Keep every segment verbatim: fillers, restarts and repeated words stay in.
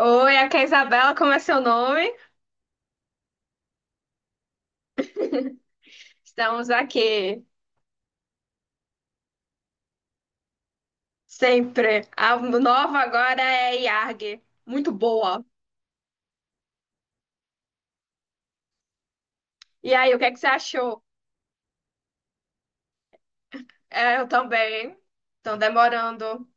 Oi, aqui é a Isabela, como é seu nome? Estamos aqui sempre. A nova agora é Iarg, muito boa. E aí, o que é que você achou? É, eu também. Estão demorando.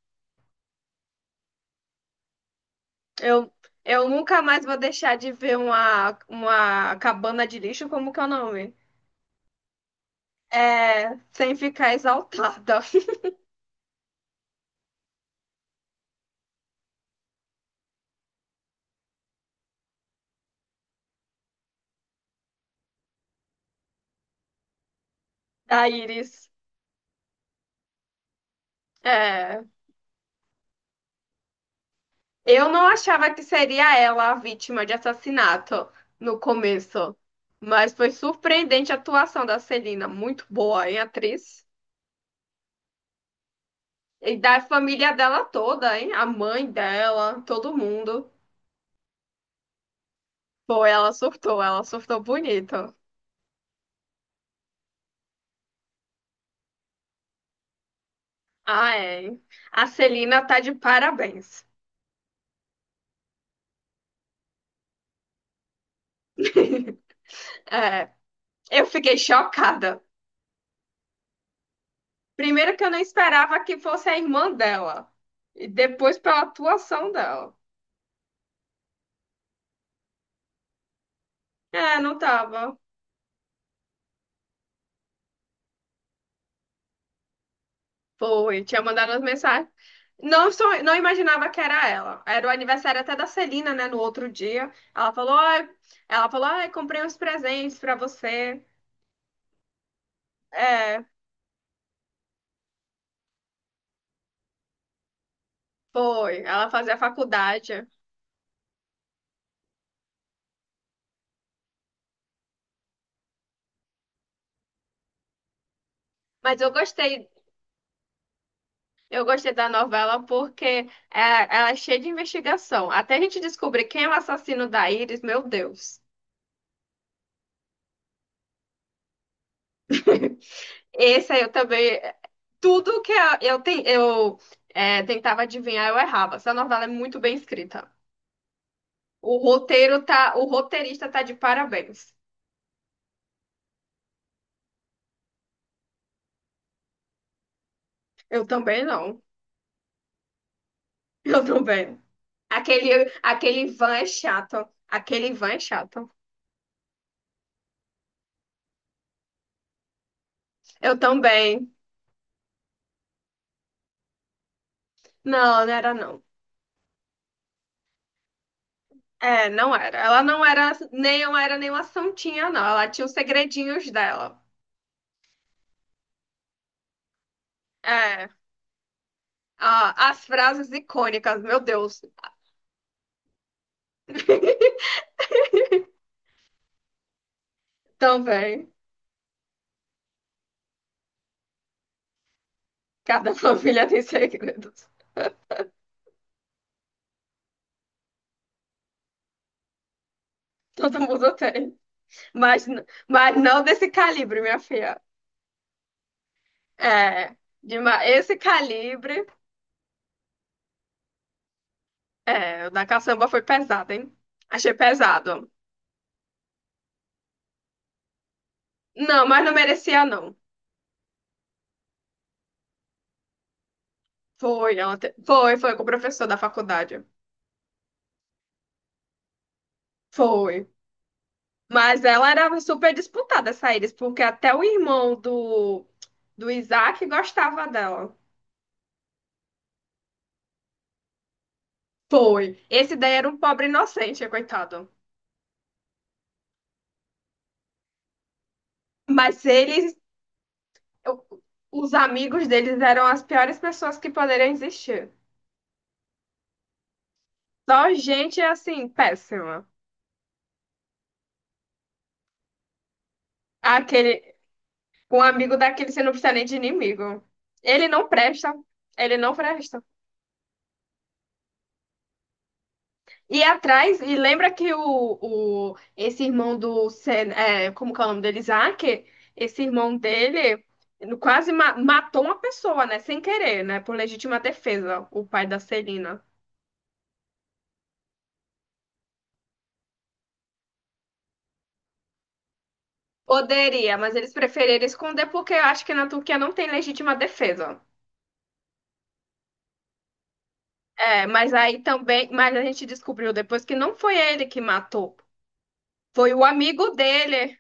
Eu, eu nunca mais vou deixar de ver uma, uma cabana de lixo, como que é o nome? É, sem ficar exaltada. A Iris. É. Eu não achava que seria ela a vítima de assassinato no começo, mas foi surpreendente a atuação da Celina, muito boa, hein, atriz? E da família dela toda, hein? A mãe dela, todo mundo. Pô, ela surtou, ela surtou bonito. Ah, é, hein? A Celina tá de parabéns. É, eu fiquei chocada. Primeiro que eu não esperava que fosse a irmã dela, e depois pela atuação dela. É, não tava. Foi, tinha mandado as mensagens. Não, só, não imaginava que era ela. Era o aniversário até da Celina, né? No outro dia. Ela falou, ai, ela falou, ai, comprei uns presentes pra você. É, foi. Ela fazia faculdade. Mas eu gostei, eu gostei da novela porque é, ela é cheia de investigação. Até a gente descobrir quem é o assassino da Iris, meu Deus. Esse aí eu também. Tudo que eu, eu, ten- eu, é, tentava adivinhar, eu errava. Essa novela é muito bem escrita. O roteiro tá, o roteirista tá de parabéns. Eu também não. Eu também. Aquele, aquele Ivan é chato. Aquele Ivan é chato. Eu também. Não, não era não. É, não era. Ela não era nem não era nenhuma santinha, não. Ela tinha os segredinhos dela. É. Ah, as frases icônicas, meu Deus. Também. Cada família tem segredos. Todo mundo tem. Mas, n- mas não desse calibre, minha filha. É, de ma- esse calibre, é, o da caçamba foi pesado, hein? Achei pesado. Não, mas não merecia, não. Foi, ela te- foi, foi com o professor da faculdade. Foi. Mas ela era super disputada, essa Iris, porque até o irmão do, do Isaac gostava dela. Foi. Esse daí era um pobre inocente, coitado. Mas eles, o- os amigos deles eram as piores pessoas que poderiam existir. Só gente, assim, péssima. Aquele, Com um amigo daquele você não precisa nem de inimigo. Ele não presta. Ele não presta. E atrás, e lembra que o, o esse irmão do Sen, é, como que é o nome dele? Isaac, esse irmão dele quase ma- matou uma pessoa, né? Sem querer, né? Por legítima defesa, o pai da Celina. Poderia, mas eles preferiram esconder porque eu acho que na Turquia não tem legítima defesa. É, mas aí também, mas a gente descobriu depois que não foi ele que matou, foi o amigo dele.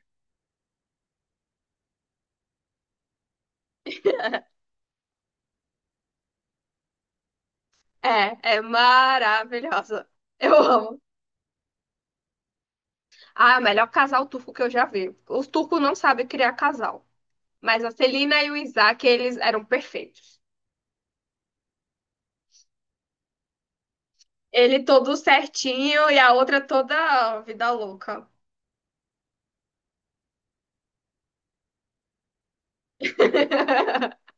É, é maravilhosa. Eu amo. Ah, é o melhor casal turco que eu já vi. Os turcos não sabem criar casal. Mas a Celina e o Isaac, eles eram perfeitos. Ele todo certinho e a outra toda vida louca.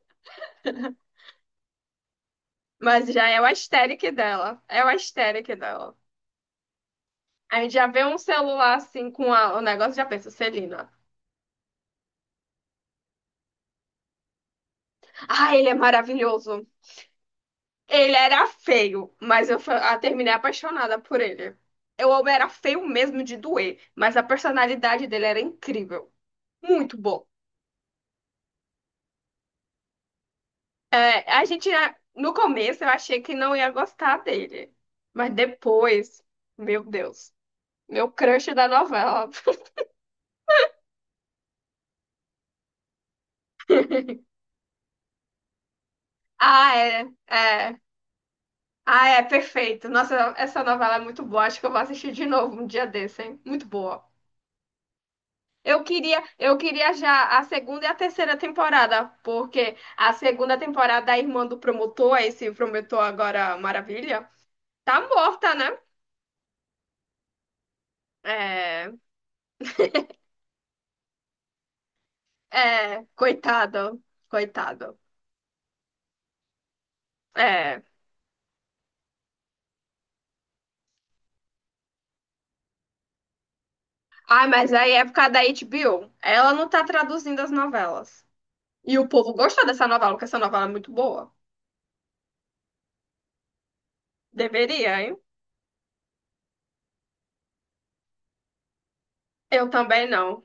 Mas já é o aesthetic dela. É o aesthetic dela. A gente já vê um celular assim com a- o negócio e já pensa, Celina. Ah, ele é maravilhoso. Ele era feio, mas eu fa- a- terminei apaixonada por ele. Eu eu era feio mesmo de doer, mas a personalidade dele era incrível. Muito bom. É, a gente, ah, no começo, eu achei que não ia gostar dele. Mas depois, meu Deus, meu crush da novela. Ah, é, é. Ah, é, perfeito. Nossa, essa novela é muito boa. Acho que eu vou assistir de novo um dia desse, hein? Muito boa. Eu queria, eu queria já a segunda e a terceira temporada, porque a segunda temporada da irmã do promotor, esse promotor agora maravilha, tá morta, né? É, é, coitado, coitado. É. Ai, mas aí é por causa da H B O. Ela não tá traduzindo as novelas. E o povo gostou dessa novela, porque essa novela é muito boa. Deveria, hein? Eu também não.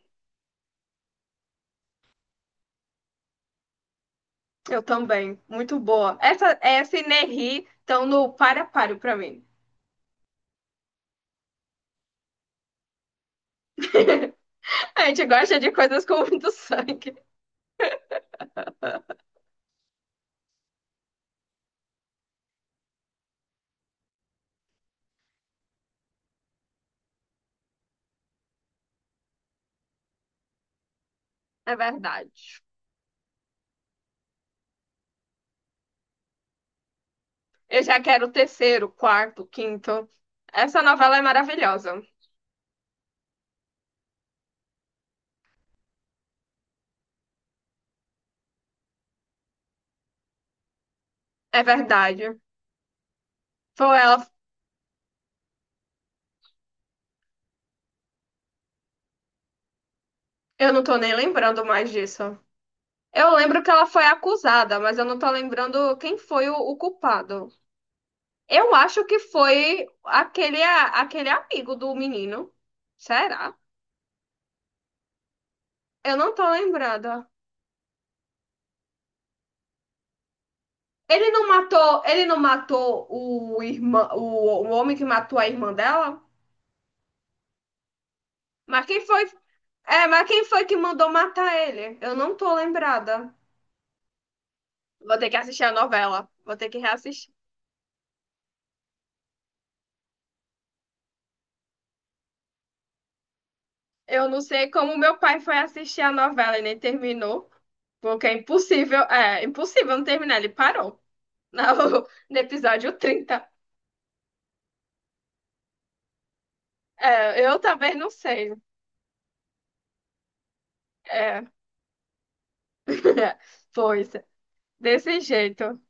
Eu também. Muito boa. Essa, essa e Nerri estão no páreo a páreo pra mim. A gente gosta de coisas com muito sangue, é verdade. Eu já quero o terceiro, quarto, quinto. Essa novela é maravilhosa, é verdade. Foi ela, eu não tô nem lembrando mais disso. Eu lembro que ela foi acusada, mas eu não tô lembrando quem foi o, o culpado. Eu acho que foi aquele, a- aquele amigo do menino. Será? Eu não tô lembrada. Ele não matou, ele não matou o irmã, o, o homem que matou a irmã dela? Mas quem foi É, mas quem foi que mandou matar ele? Eu não tô lembrada. Vou ter que assistir a novela. Vou ter que reassistir. Eu não sei como meu pai foi assistir a novela e nem terminou. Porque é impossível. É, impossível não terminar. Ele parou no, no episódio trinta. É, eu também não sei. É. Pois, desse jeito.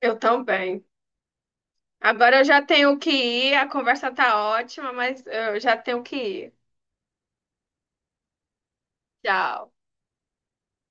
Eu também. Agora eu já tenho que ir. A conversa tá ótima, mas eu já tenho que ir. Tchau.